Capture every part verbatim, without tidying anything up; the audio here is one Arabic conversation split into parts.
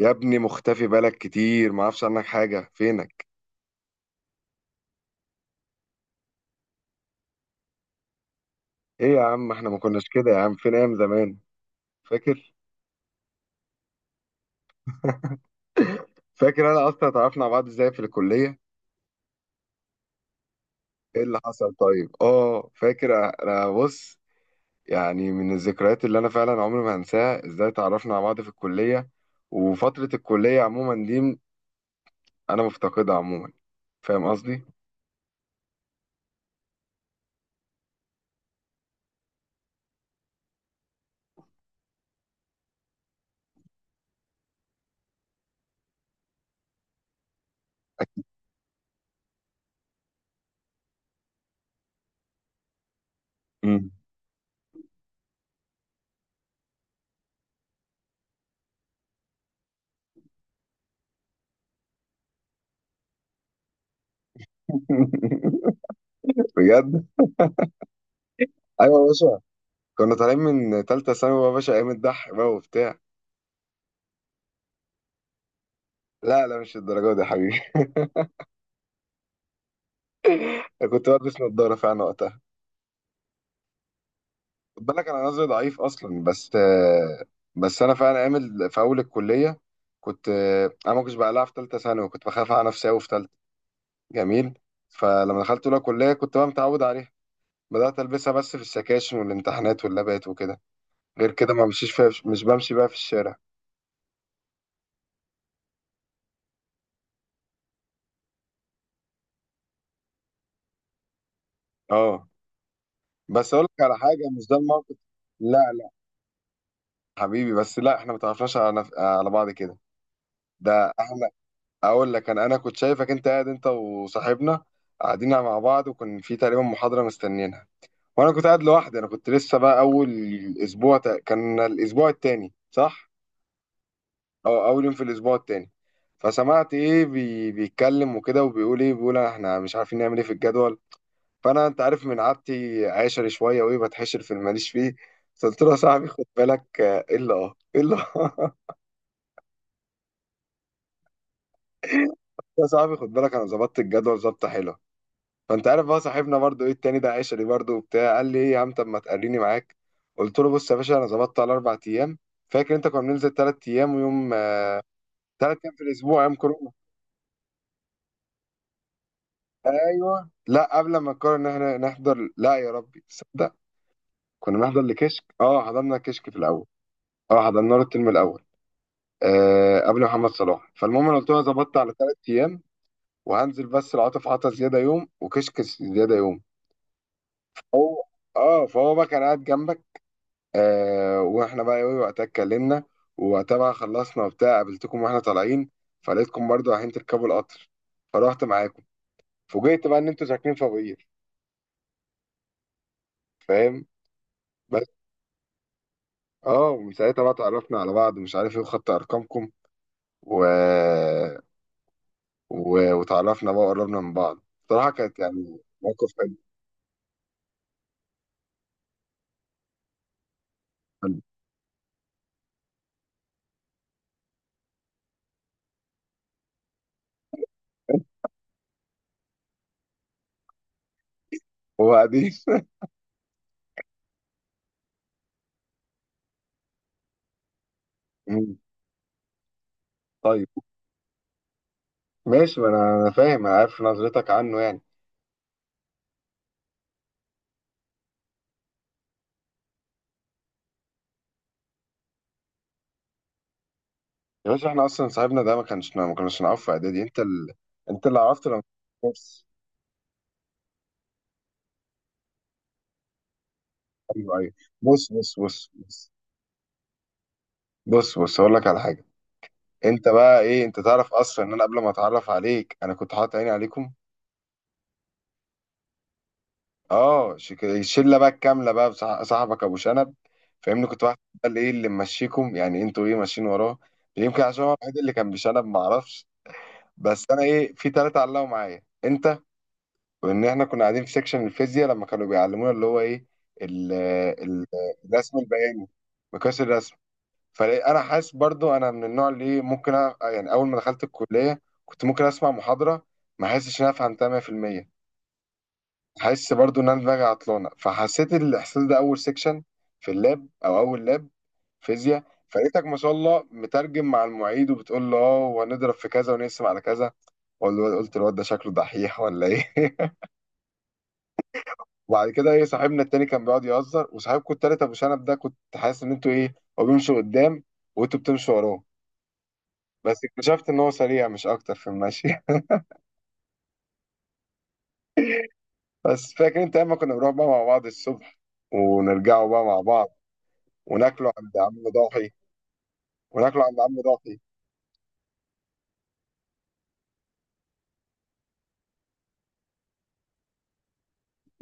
يا ابني، مختفي بالك كتير، ما اعرفش عنك حاجة، فينك؟ ايه يا عم، احنا ما كناش كده يا عم. فين ايام زمان؟ فاكر؟ فاكر انا اصلا اتعرفنا على بعض ازاي في الكلية؟ ايه اللي حصل؟ طيب، اه فاكر. انا بص، يعني من الذكريات اللي انا فعلا عمري ما هنساها ازاي اتعرفنا على بعض في الكلية. وفترة الكلية عموما دي انا مفتقدها عموما. فاهم قصدي؟ مم. بجد. ايوه يا باشا، كنا طالعين من تالتة ثانوي يا باشا. ايام الضحك بقى وبتاع. لا لا، مش الدرجة دي يا حبيبي. كنت بلبس نظارة فعلا وقتها. خد بالك انا نظري ضعيف اصلا، بس آه، بس انا فعلا عامل في اول الكلية. كنت آه، انا ما كنتش بقلعها في ثالثة ثانوي، وكنت بخاف على نفسي قوي في ثالثة. جميل. فلما دخلت اولى كلية كنت بقى متعود عليها. بدأت ألبسها بس في السكاشن والامتحانات واللابات وكده. غير كده ما بمشيش فيها، مش بمشي بقى في الشارع. اه. بس أقول لك على حاجة، مش ده الموقف. لا لا حبيبي، بس لا، احنا ما تعرفناش على نف... على بعض كده. ده احنا، اقول لك انا انا كنت شايفك انت قاعد انت وصاحبنا قاعدين مع بعض، وكان في تقريبا محاضره مستنينها. وانا كنت قاعد لوحدي. انا كنت لسه بقى اول اسبوع، تق- كان الاسبوع التاني، صح؟ او اول يوم في الاسبوع التاني. فسمعت ايه، بي... بيتكلم وكده، وبيقول ايه، بيقول احنا مش عارفين نعمل ايه في الجدول. فانا، انت عارف من عادتي، عاشر شويه، وايه، بتحشر في اللي ماليش فيه. قلت له يا صاحبي خد بالك آه، الا اه الا آه. يا صاحبي خد بالك، انا ظبطت الجدول ظبطه حلوه. فانت عارف بقى صاحبنا برضو ايه التاني ده، عشري برضو وبتاع، قال لي ايه يا عم، طب ما تقريني معاك. قلت له بص يا باشا، انا ظبطت على اربع ايام. فاكر انت كنا بننزل ثلاث ايام ويوم؟ ثلاث ايام في الاسبوع، ايام كورونا. ايوه، لا قبل ما نقرر ان احنا نحضر، لا يا ربي تصدق، كنا بنحضر لكشك. اه، حضرنا كشك في الاول. اه حضرنا له الترم الاول. آه قبل محمد صلاح. فالمهم انا قلت له أنا ظبطت على ثلاث ايام، وهنزل بس العاطف عطا زياده يوم وكشك زياده يوم. هو اه فهو بقى كان قاعد جنبك. آه واحنا بقى ايه وقتها اتكلمنا. ووقتها بقى خلصنا وبتاع قابلتكم واحنا طالعين. فلقيتكم برضه رايحين تركبوا القطر، فرحت معاكم. فوجئت بقى ان انتوا ساكنين في ابوير. فاهم؟ بس اه ومن ساعتها بقى اتعرفنا على بعض، مش عارف ايه، وخدت ارقامكم و... و... وتعرفنا بقى وقربنا من بعض. بصراحه كانت يعني موقف حلو. حلو. وبعدين؟ طيب. ماشي، ما انا أنا فاهم، انا عارف نظرتك عنه يعني. يا باشا، احنا اصلا صاحبنا ده ما كانش ما كناش نعرفه في اعدادي. انت ال... انت اللي عرفته لما، بص. ايوه ايوه. بص بص بص بص. بص بص، اقول لك على حاجه. انت بقى ايه؟ انت تعرف اصلا ان انا قبل ما اتعرف عليك انا كنت حاطط عيني عليكم؟ اه، شك... الشله بقى الكامله بقى، بصاح- صاحبك ابو شنب. فاهمني؟ كنت واحد، ده اللي ايه اللي ممشيكم يعني، انتوا ايه ماشيين وراه. يمكن عشان هو الوحيد اللي كان بشنب، ما اعرفش. بس انا ايه، في ثلاثه علقوا معايا انت. وان احنا كنا قاعدين في سيكشن الفيزياء لما كانوا بيعلمونا اللي هو ايه ال- ال- الرسم البياني، مقياس الرسم. فانا حاسس برضو انا من النوع اللي إيه، ممكن، أ- يعني اول ما دخلت الكليه كنت ممكن اسمع محاضره ما حاسسش ان انا فهمتها مية في المية. حاسس برضو ان انا دماغي عطلانه. فحسيت الاحساس ده اول سيكشن في اللاب، او اول لاب فيزياء. فلقيتك ما شاء الله مترجم مع المعيد، وبتقول له اه، وهنضرب في كذا ونقسم على كذا. وقلت الواد ده شكله دحيح ولا ايه. وبعد كده ايه، صاحبنا التاني كان بيقعد يهزر، وصاحبكم التالت ابو شنب ده كنت حاسس ان انتوا ايه، هو بيمشي قدام وانتوا بتمشوا وراه. بس اكتشفت ان هو سريع مش اكتر في المشي. بس فاكر انت اما كنا بنروح بقى مع بعض الصبح، ونرجعوا بقى مع بعض، وناكلوا عند عم ضاحي، وناكلوا عند عم ضاحي.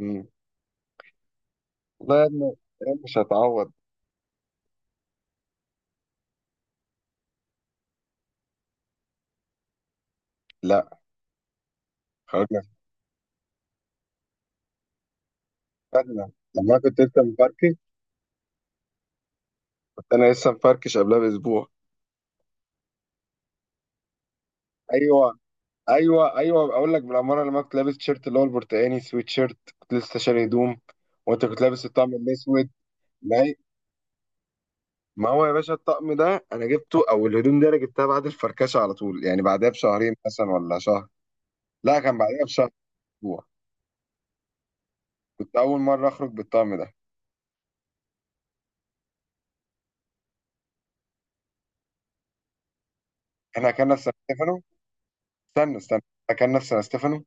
امم. والله يا ابني أيام مش هتعوض. لا. خرجنا خرجنا لما أنا كنت لسه مفركش. كنت انا لسه مفركش قبلها باسبوع. ايوه ايوه ايوه، اقول لك بالاماره، لما كنت لابس تيشيرت اللي هو البرتقاني سويت شيرت، كنت لسه شاري هدوم. وانت كنت لابس الطقم الاسود. ما هي- ما هو يا باشا، الطقم ده انا جبته، او الهدوم دي انا جبتها بعد الفركشه على طول يعني، بعدها بشهرين مثلا ولا شهر. لا كان بعدها بشهر، اسبوع. كنت اول مره اخرج بالطقم ده. احنا كنا في سان ستيفانو. استنى استنى. احنا كنا في سان ستيفانو،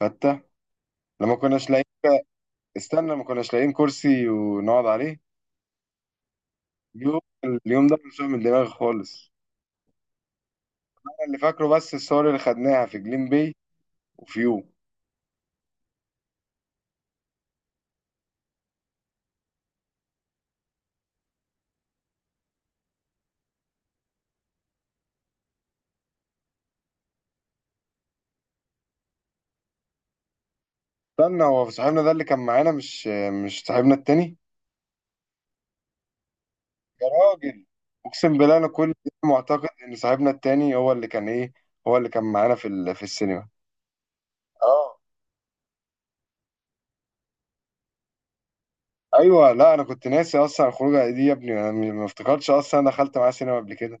حتى لما كناش لاقيين، استنى، ما كناش لاقيين كرسي ونقعد عليه. اليوم اليوم ده مش من دماغي خالص. انا اللي فاكره بس الصور اللي خدناها في جليم باي وفيو. استنى، هو صاحبنا ده اللي كان معانا مش مش صاحبنا التاني؟ يا راجل، اقسم بالله انا كل ده معتقد ان صاحبنا التاني هو اللي كان ايه، هو اللي كان معانا في ال- في السينما. اه. ايوه، لا انا كنت ناسي اصلا الخروجه دي يا ابني. انا م- ما افتكرتش اصلا انا دخلت معاه سينما قبل كده.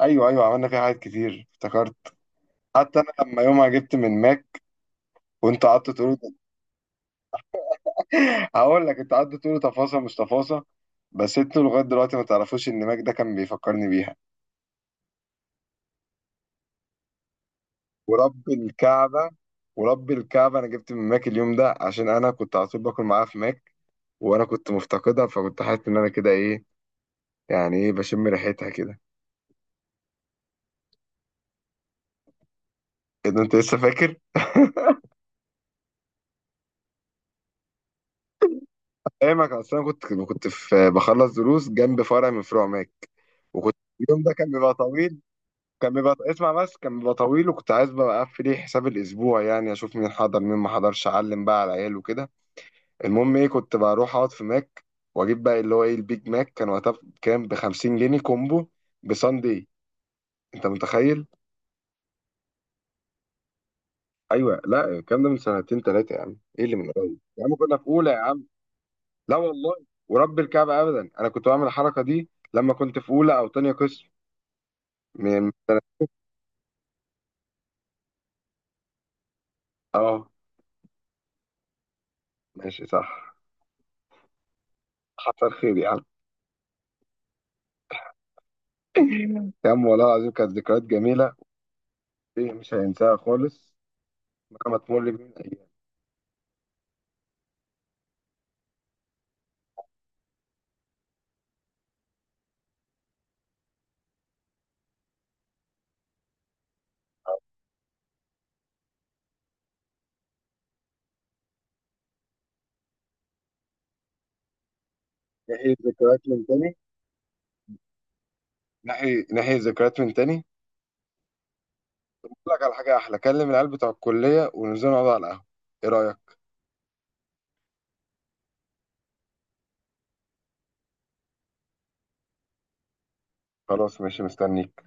ايوه ايوه عملنا فيها حاجات كتير، افتكرت. حتى انا لما يومها جبت من ماك، وانت قعدت تقول. هقول لك، انت قعدت تقول تفاصيل مش تفاصيل، بس انتوا لغايه دلوقتي ما تعرفوش ان ماك ده كان بيفكرني بيها. ورب الكعبة، ورب الكعبة أنا جبت من ماك اليوم ده عشان أنا كنت على طول باكل معاها في ماك. وأنا كنت مفتقدها، فكنت حاسس إن أنا كده إيه، يعني إيه، بشم ريحتها كده. إيه ده، أنت لسه فاكر؟ أيامك، أصل أنا كنت كنت في بخلص دروس جنب فرع من فروع ماك. وكنت، اليوم ده كان بيبقى طويل، كان بيبقى اسمع بس، كان بيبقى طويل، وكنت عايز بقى أقفل إيه حساب الأسبوع، يعني أشوف مين حضر مين ما حضرش، أعلم بقى على العيال وكده. المهم ايه كنت بروح اقعد في ماك، واجيب بقى اللي هو ايه البيج ماك. كان وقتها بكام؟ ب خمسين جنيه كومبو بساندي. انت متخيل؟ ايوه، لا الكلام ده من سنتين ثلاثه يا عم، ايه اللي من قريب يا عم، كنا في اولى يا عم. لا والله، ورب الكعبه ابدا، انا كنت بعمل الحركه دي لما كنت في اولى او تانية قسم. من اه ماشي، صح. حصل خير يا عم. يا عم والله العظيم، كانت ذكريات جميله. ايه، مش هينساها خالص مهما تمر بينا الايام. نحيي ذكريات من تاني. نحيي نحيي ذكريات من تاني. أقول لك على حاجة أحلى، كلم العيال بتوع الكلية وننزل نقعد على القهوة، إيه رأيك؟ خلاص ماشي، مستنيك.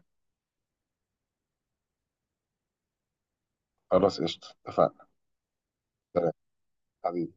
خلاص قشطة، اتفقنا. سلام حبيبي.